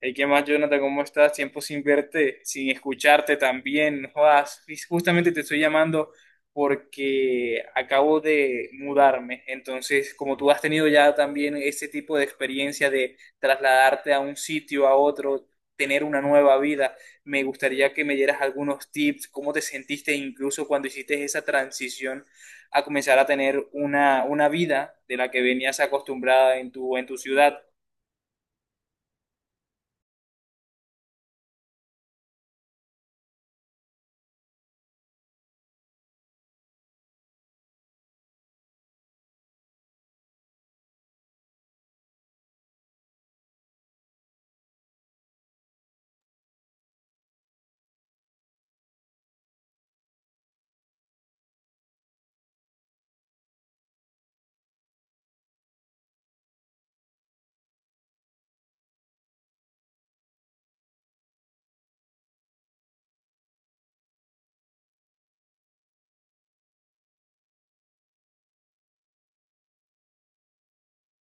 Hey, ¿qué más, Jonathan? ¿Cómo estás? Tiempo sin verte, sin escucharte también. No jodas, justamente te estoy llamando porque acabo de mudarme. Entonces, como tú has tenido ya también ese tipo de experiencia de trasladarte a un sitio, a otro, tener una nueva vida, me gustaría que me dieras algunos tips, cómo te sentiste incluso cuando hiciste esa transición a comenzar a tener una vida de la que venías acostumbrada en tu ciudad.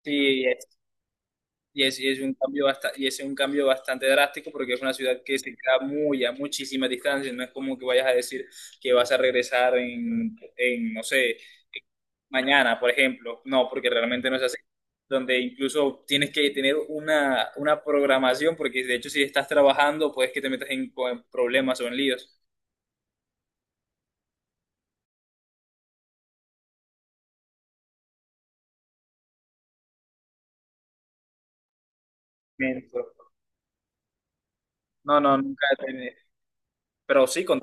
Sí. Y es un cambio basta- y es un cambio bastante drástico porque es una ciudad que se queda muy a muchísima distancia. No es como que vayas a decir que vas a regresar no sé, mañana, por ejemplo. No, porque realmente no es así. Donde incluso tienes que tener una programación porque, de hecho, si estás trabajando puedes que te metas en problemas o en líos. Menso. No, no, nunca he tenido. Pero sí, con...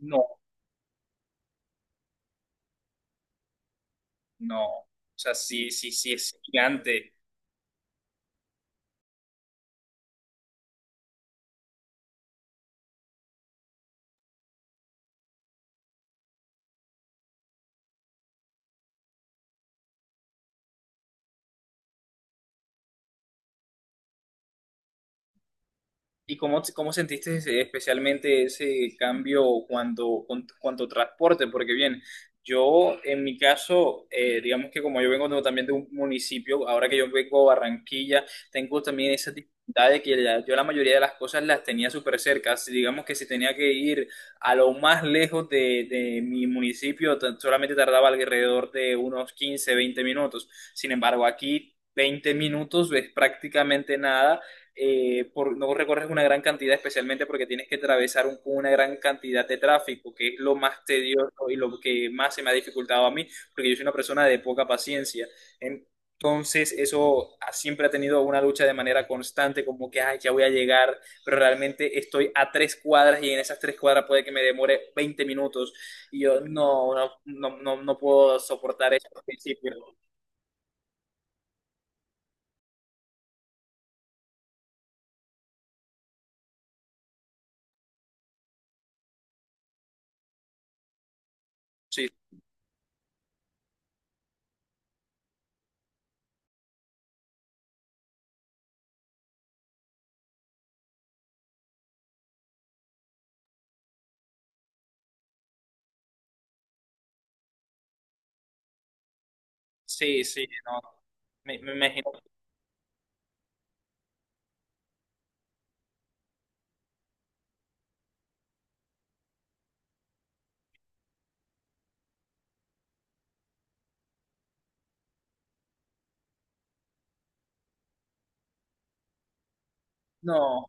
No, no. O sea, sí, sí, sí, es gigante. ¿Y cómo, cómo sentiste especialmente ese cambio cuando, cuanto transporte? Porque bien, yo en mi caso, digamos que como yo vengo también de un municipio, ahora que yo vengo a Barranquilla, tengo también esa dificultad de que yo la mayoría de las cosas las tenía súper cerca. Si digamos que si tenía que ir a lo más lejos de mi municipio, solamente tardaba alrededor de unos 15, 20 minutos. Sin embargo, aquí... 20 minutos es prácticamente nada, no recorres una gran cantidad, especialmente porque tienes que atravesar una gran cantidad de tráfico, que es lo más tedioso y lo que más se me ha dificultado a mí, porque yo soy una persona de poca paciencia. Entonces, siempre ha tenido una lucha de manera constante, como que, ay, ya voy a llegar, pero realmente estoy a tres cuadras y en esas tres cuadras puede que me demore 20 minutos. Y yo no, no, no, no, no puedo soportar eso al principio. Sí, sí, sí, no. Me imagino. No.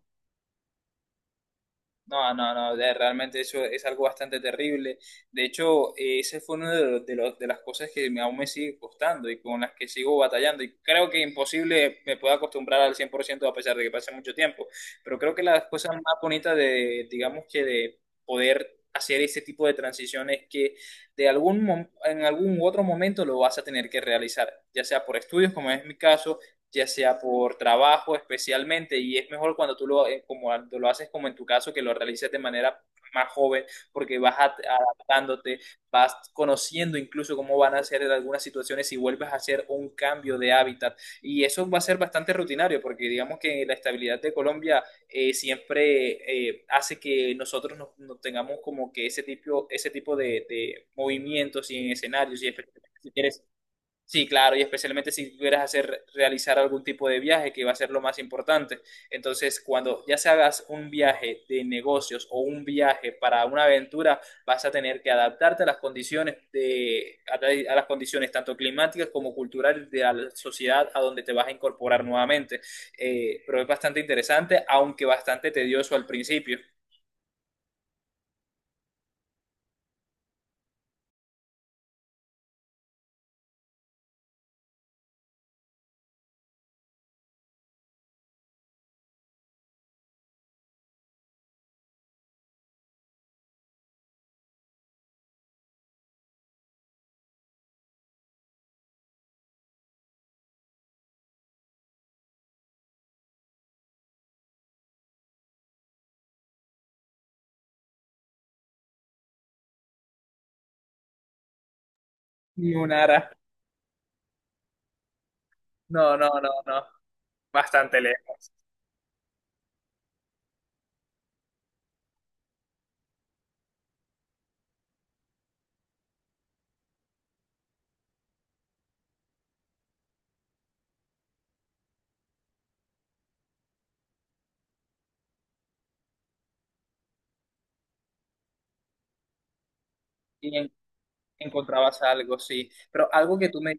No, no, no, realmente eso es algo bastante terrible. De hecho, ese fue uno de las cosas que aún me sigue costando y con las que sigo batallando. Y creo que imposible me pueda acostumbrar al 100%, a pesar de que pase mucho tiempo. Pero creo que las cosas más bonitas de, digamos que de poder hacer ese tipo de transiciones es que en algún otro momento lo vas a tener que realizar, ya sea por estudios, como es mi caso, ya sea por trabajo especialmente, y es mejor cuando tú lo, como tú lo haces como en tu caso, que lo realices de manera más joven, porque adaptándote, vas conociendo incluso cómo van a ser en algunas situaciones y vuelves a hacer un cambio de hábitat. Y eso va a ser bastante rutinario, porque digamos que la estabilidad de Colombia, siempre hace que nosotros nos tengamos como que ese tipo de movimientos y en escenarios, y especialmente si quieres. Sí, claro, y especialmente si quieres hacer, realizar algún tipo de viaje, que va a ser lo más importante. Entonces, cuando ya se hagas un viaje de negocios o un viaje para una aventura, vas a tener que adaptarte a las condiciones a las condiciones tanto climáticas como culturales de la sociedad a donde te vas a incorporar nuevamente. Pero es bastante interesante, aunque bastante tedioso al principio. Y un ara- No, no, no, no. Bastante lejos. Y en encontrabas algo, sí. Pero algo que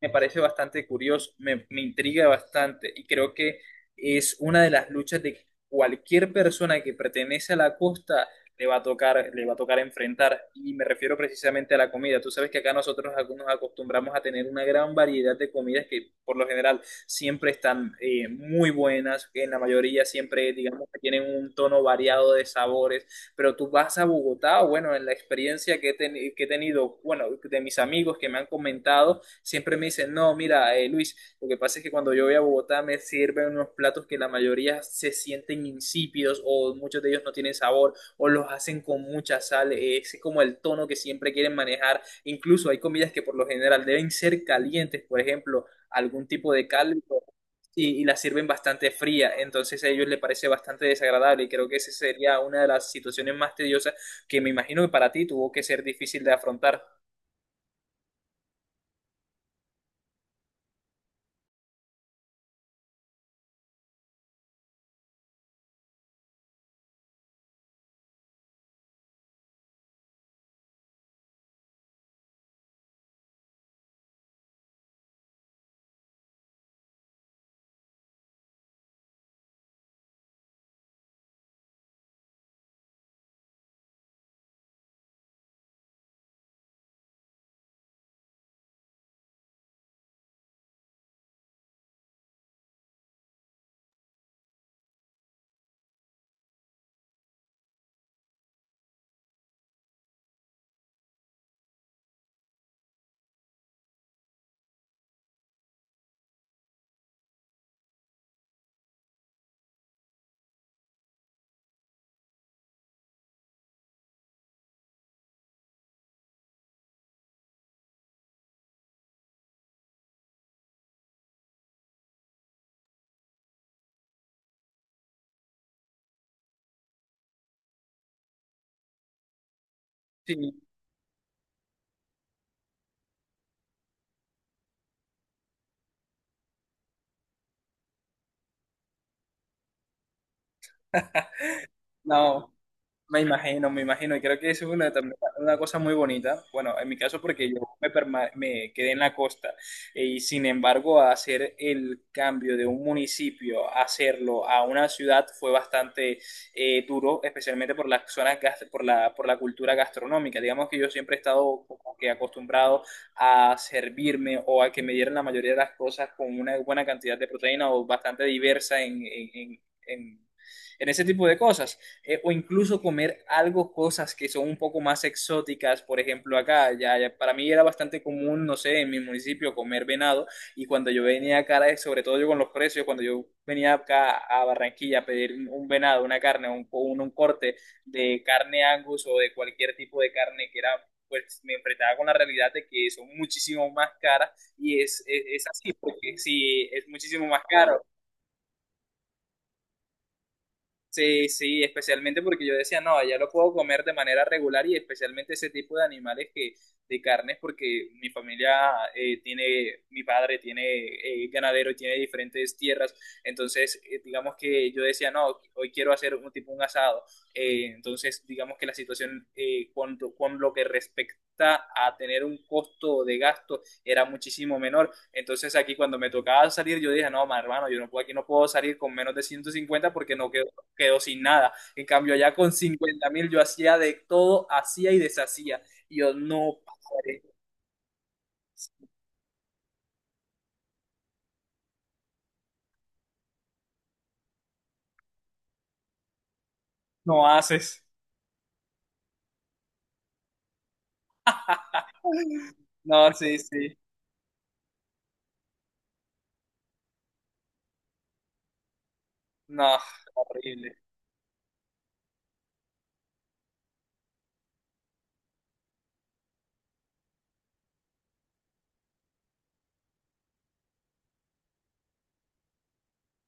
me parece bastante curioso, me intriga bastante y creo que es una de las luchas de cualquier persona que pertenece a la costa, le va a tocar, le va a tocar enfrentar. Y me refiero precisamente a la comida. Tú sabes que acá nosotros nos acostumbramos a tener una gran variedad de comidas que, por lo general, siempre están, muy buenas, que en la mayoría siempre, digamos, que tienen un tono variado de sabores, pero tú vas a Bogotá, o bueno, en la experiencia que que he tenido, bueno, de mis amigos que me han comentado, siempre me dicen, no, mira, Luis, lo que pasa es que cuando yo voy a Bogotá me sirven unos platos que la mayoría se sienten insípidos o muchos de ellos no tienen sabor o los hacen con mucha sal, ese es como el tono que siempre quieren manejar, incluso hay comidas que por lo general deben ser calientes, por ejemplo, algún tipo de caldo. Sí, y la sirven bastante fría, entonces a ellos les parece bastante desagradable y creo que esa sería una de las situaciones más tediosas que me imagino que para ti tuvo que ser difícil de afrontar. Sí, no. Me imagino, y creo que eso es una, también una cosa muy bonita. Bueno, en mi caso, porque me quedé en la costa, y sin embargo, hacer el cambio de un municipio, hacerlo a una ciudad fue bastante, duro, especialmente por las zonas, por la cultura gastronómica. Digamos que yo siempre he estado como que acostumbrado a servirme o a que me dieran la mayoría de las cosas con una buena cantidad de proteína o bastante diversa en- en ese tipo de cosas, o incluso comer algo, cosas que son un poco más exóticas. Por ejemplo, acá, ya, ya para mí era bastante común, no sé, en mi municipio comer venado. Y cuando yo venía acá, sobre todo yo con los precios, cuando yo venía acá a Barranquilla a pedir un venado, una carne, un corte de carne Angus o de cualquier tipo de carne que era, pues me enfrentaba con la realidad de que son muchísimo más caras, y es así, porque sí, es muchísimo más caro. Sí, sí, especialmente porque yo decía, no, allá lo puedo comer de manera regular y especialmente ese tipo de animales que, de carnes, porque mi familia, tiene, mi padre tiene, ganadero, tiene diferentes tierras, entonces, digamos que yo decía, no, hoy quiero hacer un tipo un asado. Entonces digamos que la situación, con lo que respecta a tener un costo de gasto era muchísimo menor, entonces aquí cuando me tocaba salir yo dije, no, ma, hermano, yo no puedo, aquí no puedo salir con menos de 150 porque no quedo, quedó sin nada. En cambio, allá con 50.000 yo hacía de todo, hacía y deshacía. Y yo, no, padre, no haces. No, sí, sí. No, horrible.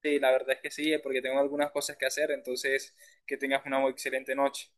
Sí, la verdad es que sí, porque tengo algunas cosas que hacer, entonces que tengas una muy excelente noche.